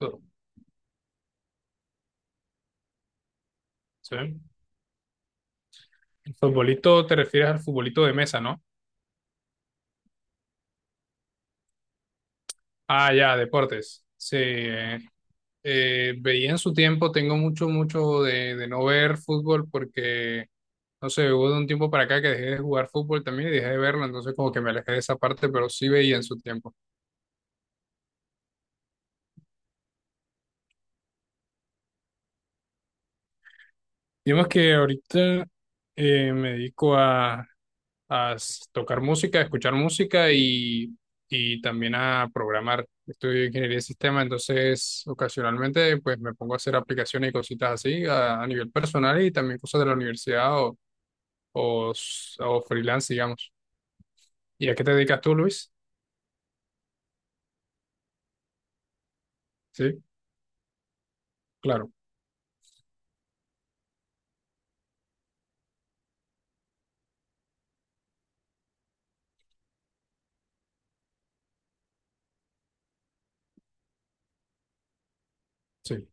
Sí. El futbolito, te refieres al futbolito de mesa, ¿no? Ah, ya, deportes. Sí. Veía en su tiempo, tengo mucho, mucho de no ver fútbol porque, no sé, hubo de un tiempo para acá que dejé de jugar fútbol también y dejé de verlo, entonces como que me alejé de esa parte, pero sí veía en su tiempo. Digamos que ahorita me dedico a tocar música, a escuchar música y también a programar. Estudio ingeniería de sistemas, entonces ocasionalmente pues me pongo a hacer aplicaciones y cositas así a nivel personal y también cosas de la universidad o freelance, digamos. ¿Y a qué te dedicas tú, Luis? Sí, claro, sí.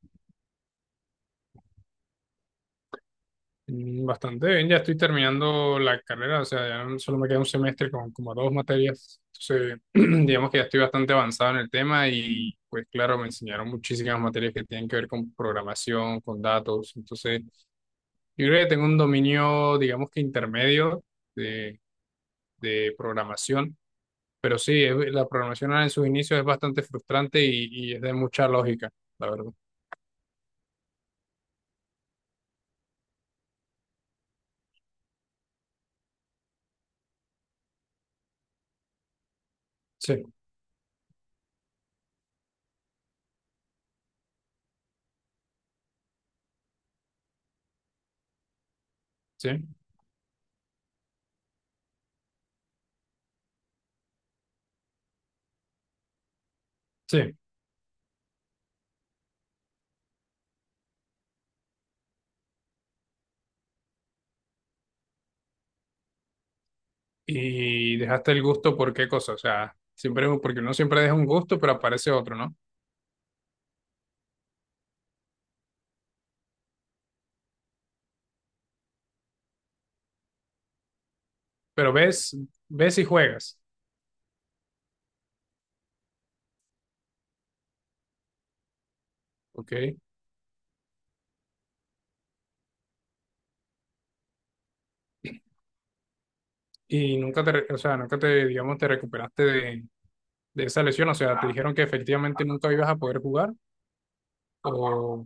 Mm, bastante bien, ya estoy terminando la carrera, o sea, solo me queda un semestre con como dos materias. Entonces, digamos que ya estoy bastante avanzado en el tema y pues claro, me enseñaron muchísimas materias que tienen que ver con programación, con datos. Entonces, yo creo que tengo un dominio, digamos que intermedio de, de programación, pero sí, la programación en sus inicios es bastante frustrante y es de mucha lógica, la verdad. Sí, sí, sí. Y dejaste el gusto por qué cosa, o sea, siempre porque uno siempre deja un gusto, pero aparece otro, ¿no? Pero ves, ves y juegas, ¿ok? Y nunca te, re- o sea, nunca te, digamos, te recuperaste de esa lesión, o sea, te dijeron que efectivamente nunca ibas a poder jugar, o,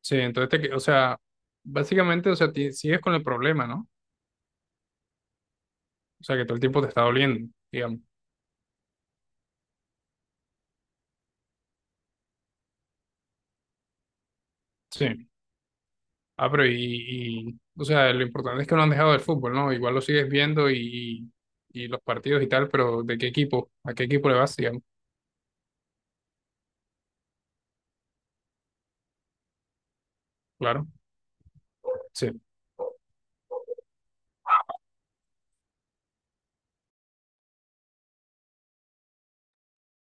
sí, entonces, o sea, básicamente, o sea, sigues con el problema, ¿no? O sea, que todo el tiempo te está doliendo, digamos, sí. Ah, pero, o sea, lo importante es que no han dejado el fútbol, ¿no? Igual lo sigues viendo y los partidos y tal, pero ¿de qué equipo? ¿A qué equipo le vas, digamos? Claro. Sí.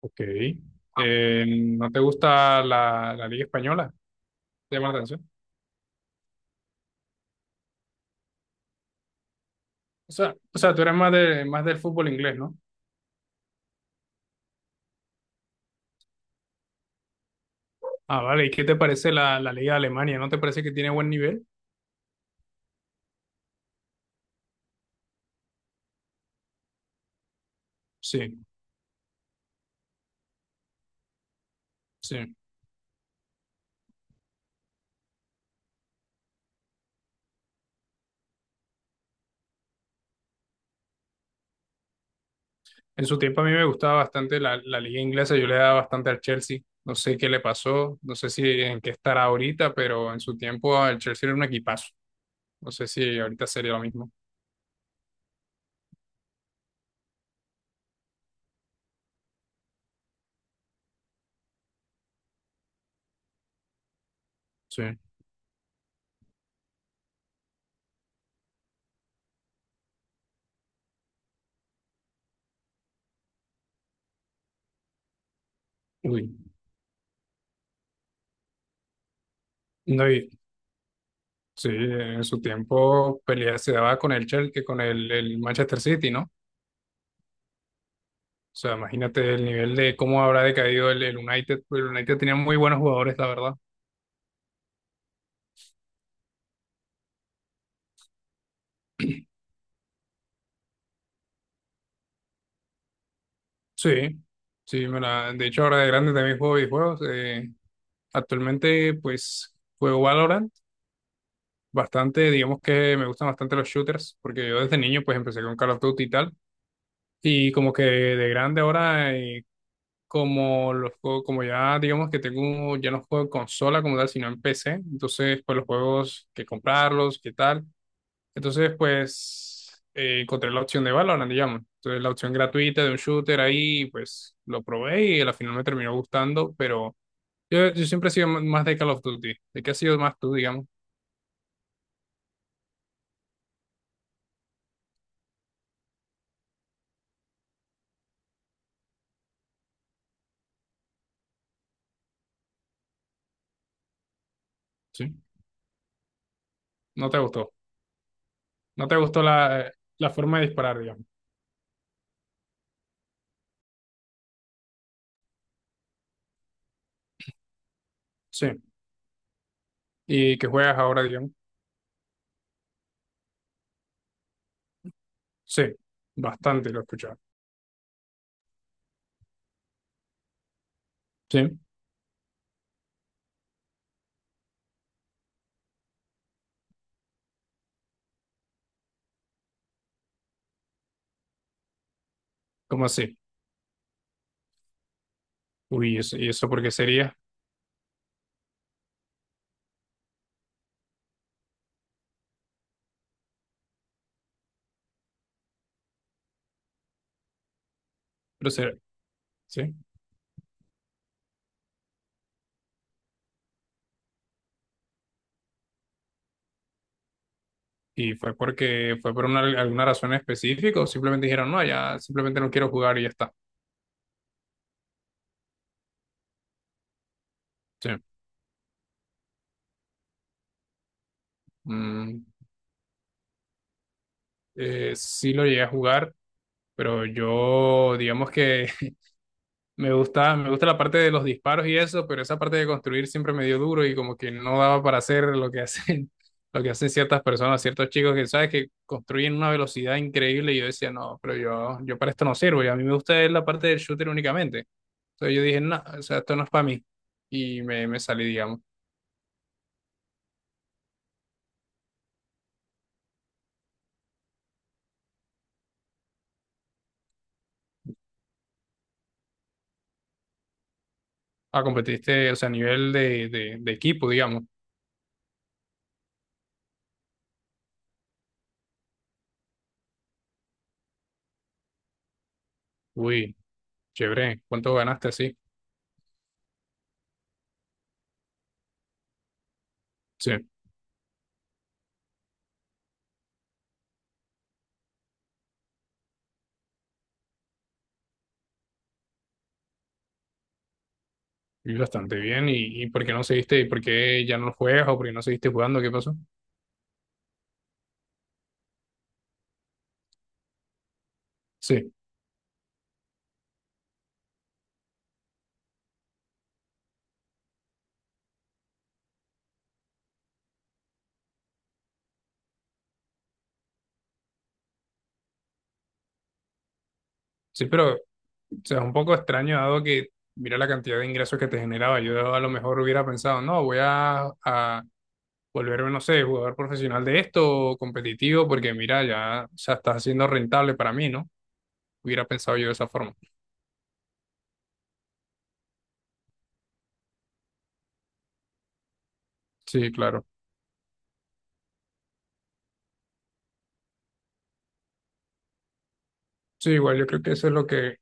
Ok. ¿No te gusta la Liga Española? ¿Te llama la atención? O sea, tú eres más de, más del fútbol inglés, ¿no? Ah, vale. ¿Y qué te parece la Liga de Alemania? ¿No te parece que tiene buen nivel? Sí, sí. En su tiempo a mí me gustaba bastante la liga inglesa, yo le daba bastante al Chelsea. No sé qué le pasó, no sé si en qué estará ahorita, pero en su tiempo el Chelsea era un equipazo. No sé si ahorita sería lo mismo. Sí. Uy. No, y, sí, en su tiempo pelea se daba con el Chelsea, con el Manchester City, ¿no? O sea, imagínate el nivel de cómo habrá decaído el United. Pues el United tenía muy buenos jugadores, la verdad. Sí, sí, de hecho ahora de grande también juego videojuegos. Actualmente pues juego Valorant bastante, digamos que me gustan bastante los shooters, porque yo desde niño pues empecé con Call of Duty y tal, y como que de grande ahora, como ya digamos que tengo, ya no juego en consola como tal, sino en PC, entonces pues los juegos que comprarlos, qué tal, entonces pues encontré la opción de Valorant, digamos, entonces la opción gratuita de un shooter ahí, pues lo probé y al final me terminó gustando, pero yo siempre he sido más de Call of Duty, ¿de qué has sido más tú, digamos? ¿Sí? ¿No te gustó? No te gustó la forma de disparar, digamos. Sí. Y que juegas ahora, digamos. Sí. Bastante lo he escuchado. Sí. ¿Cómo así? Uy, ¿y eso por qué sería? Pero será- sí. ¿Y fue por una, alguna razón específica o simplemente dijeron, no, ya simplemente no quiero jugar y ya está? Sí. Mm, sí lo llegué a jugar, pero yo, digamos que me gusta, me gusta la parte de los disparos y eso, pero esa parte de construir siempre me dio duro y como que no daba para hacer lo que hacen, lo que hacen ciertas personas, ciertos chicos que sabes que construyen una velocidad increíble y yo decía, no, pero yo para esto no sirvo y a mí me gusta es la parte del shooter únicamente. Entonces yo dije, no, o sea, esto no es para mí y me salí, digamos. Ah, competiste, o sea, a nivel de equipo, digamos. Uy, chévere, ¿cuánto ganaste así? Sí, y bastante bien y ¿por qué no seguiste? ¿Y por qué ya no juegas o por qué no seguiste jugando? ¿Qué pasó? Sí, sí, pero o sea, es un poco extraño dado que mira la cantidad de ingresos que te generaba. Yo a lo mejor hubiera pensado, no, voy a volverme, no sé, jugador profesional de esto, o competitivo, porque mira, ya, o sea, está siendo rentable para mí, ¿no? Hubiera pensado yo de esa forma. Sí, claro. Sí, igual yo creo que eso es lo que,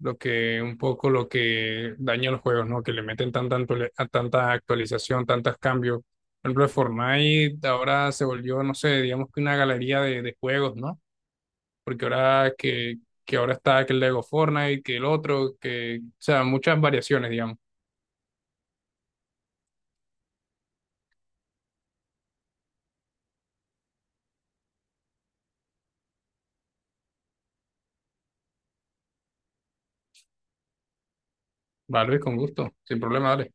lo que, un poco lo que daña los juegos, ¿no? Que le meten a tanta actualización, tantos cambios. Por ejemplo, Fortnite ahora se volvió, no sé, digamos que una galería de juegos, ¿no? Porque ahora que ahora está que el Lego Fortnite, que el otro, que, o sea, muchas variaciones, digamos. Vale, con gusto, sin problema, dale.